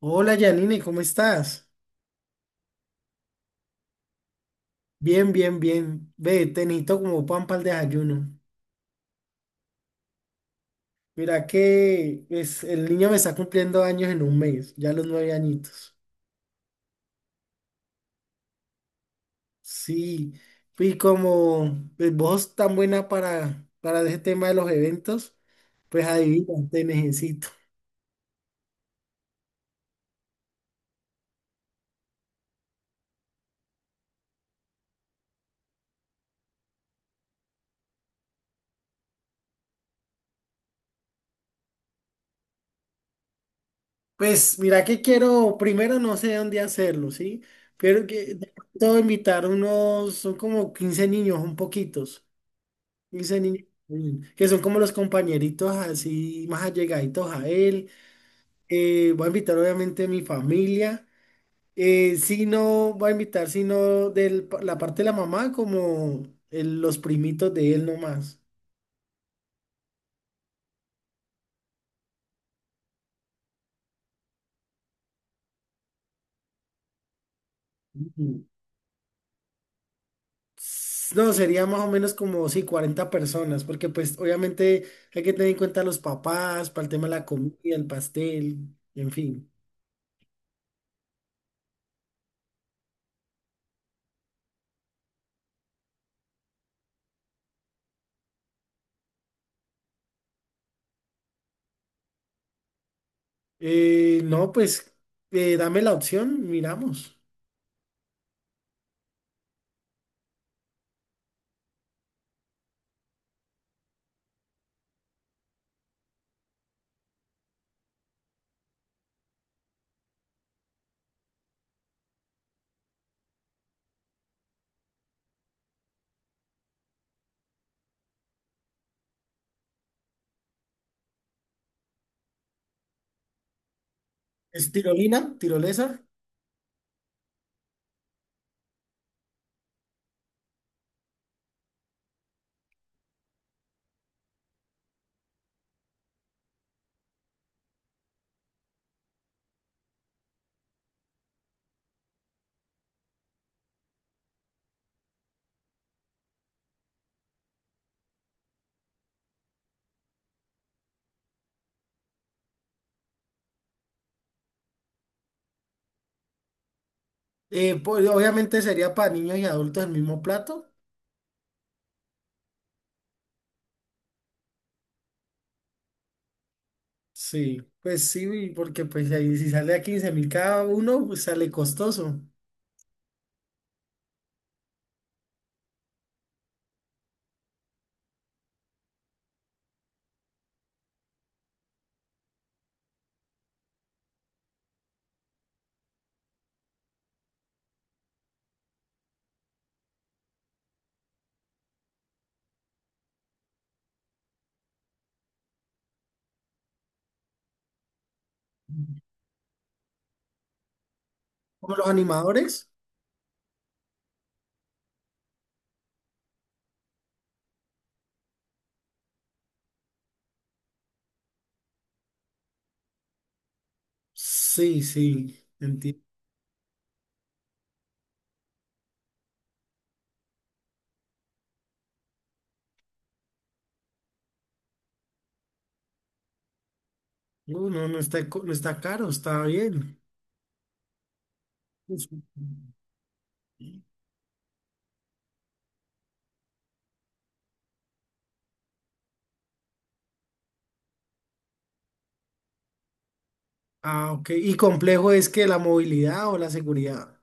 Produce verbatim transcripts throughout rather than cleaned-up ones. Hola Janine, ¿cómo estás? Bien, bien, bien. Ve, te necesito como pan para el desayuno. Mira que pues, el niño me está cumpliendo años en un mes, ya los nueve añitos. Sí, y como pues, vos sos tan buena para, para ese tema de los eventos, pues adivina, te necesito. Pues mira que quiero, primero no sé dónde hacerlo, ¿sí? Pero que de pronto invitar unos, son como quince niños, un poquitos. Wilson y Yasmín, que son como los compañeritos así más allegaditos a él. Eh, voy a invitar obviamente mi familia. Eh, si no, voy a invitar sino de la parte de la mamá como el- los primitos de él nomás. Ujú. S- No, sería más o menos como, sí, cuarenta personas, porque pues obviamente hay que tener en cuenta los papás, para el tema de la comida, el pastel, en fin. Eh, no, pues eh, dame la opción, miramos. ¿Es tirolina? ¿Tirolesa? Eh, pues, obviamente sería para niños y adultos el mismo plato. Sí, pues sí, porque pues ahí si sale a quince mil cada uno, pues sale costoso. ¿Como los animadores? Sí, sí, entiendo. Uh, no, no está, co- no está caro, está bien. Pues. Ah, ok. ¿Y complejo es que la movilidad o la seguridad?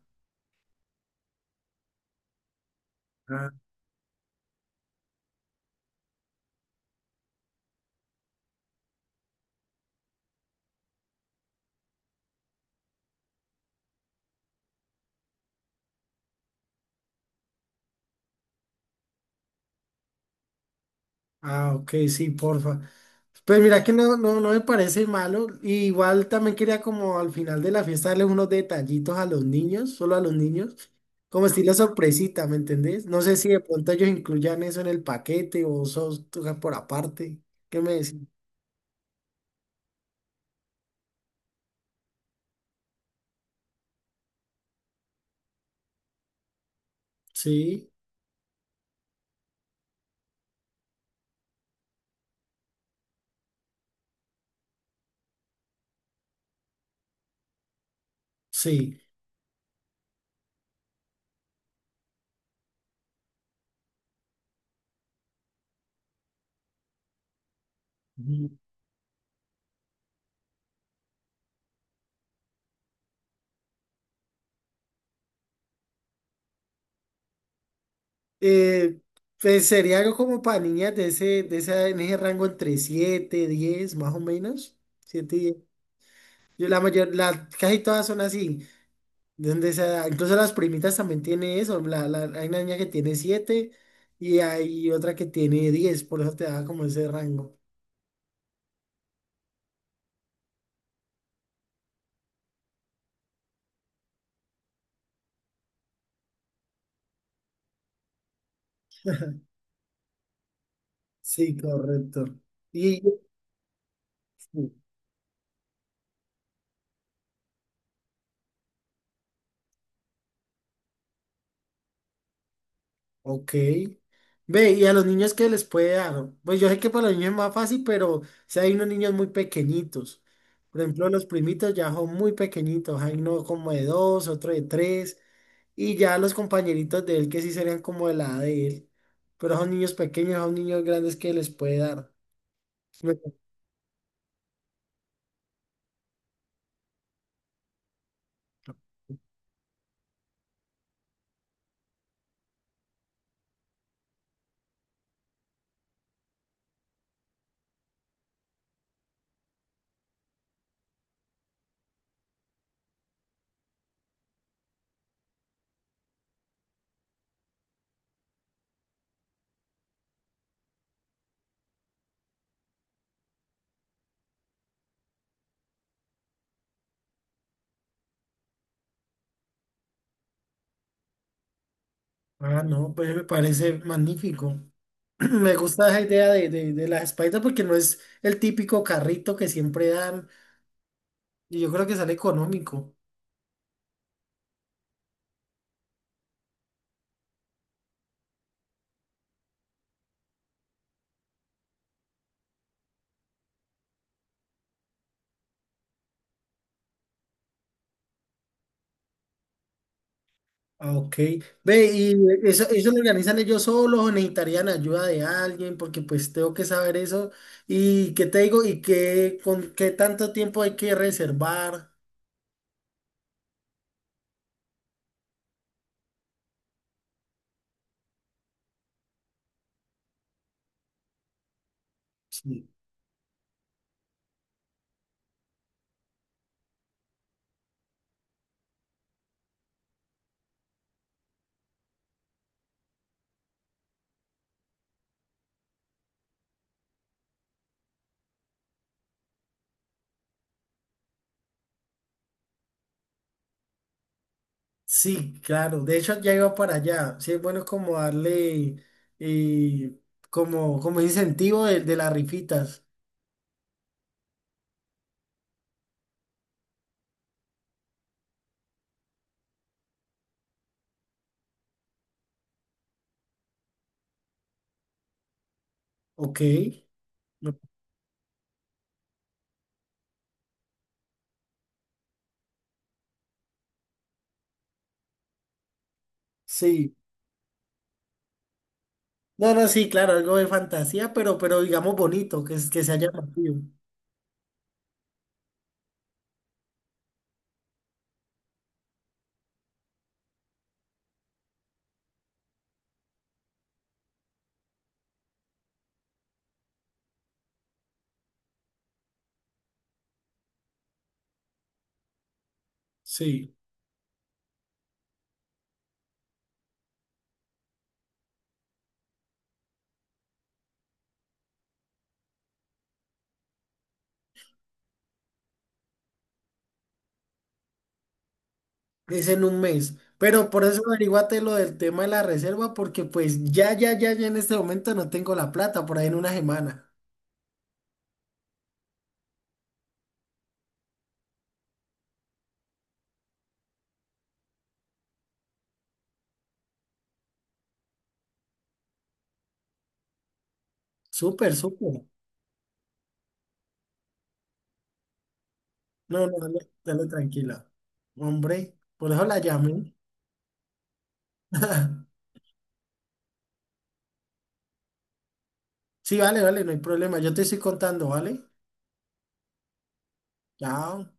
Ah, ok, sí, porfa. Pues mira que no, no, no me parece malo. Y igual también quería como al final de la fiesta darles unos detallitos a los niños, solo a los niños, como estilo sorpresita, ¿me entendés? No sé si de pronto ellos incluyan eso en el paquete o sos tú por aparte. ¿Qué me decís? Sí, sí. Ujú. Eh, pues sería algo como para niñas de ese, de esa, en ese rango entre siete, diez, más o menos. Siete, y diez. Yo, la mayor, la, casi todas son así. Donde sea, incluso las primitas también tiene eso. La, la, hay una niña que tiene siete y hay otra que tiene diez, por eso te da como ese rango. Sí, correcto. Y, ok. Ve, ¿y a los niños qué les puede dar? Pues yo sé que para los niños es más fácil, pero si hay unos niños muy pequeñitos. Por ejemplo, los primitos ya son muy pequeñitos. Hay uno como de dos, otro de tres. Y ya los compañeritos de él que sí serían como de la edad de él. Pero son niños pequeños, son niños grandes que les puede dar. Pues. Ah, no, pues me parece magnífico. Me gusta esa idea de, de, de la Spider porque no es el típico carrito que siempre dan y yo creo que sale económico. Ah, ok. Ve, ¿y eso, eso lo organizan ellos solos o necesitarían ayuda de alguien? Porque pues tengo que saber eso. ¿Y qué te digo? ¿Y qué, con qué tanto tiempo hay que reservar? Sí. Sí, claro. De hecho, ya iba para allá. Sí, es bueno como darle eh, como, como incentivo de, de las rifitas. Ok. me- Sí. No, no, sí, claro, algo de fantasía, pero, pero digamos bonito, que, es- que sea llamativo. Sí. Es en un mes. Pero por eso averiguate lo del tema de la reserva, porque pues ya, ya, ya, ya en este momento no tengo la plata, por ahí en una semana. Súper, súper. No, no, dale, dale tranquila. Hombre, por eso la llamé. Sí, vale, vale, no hay problema. Yo te estoy contando, ¿vale? Chao.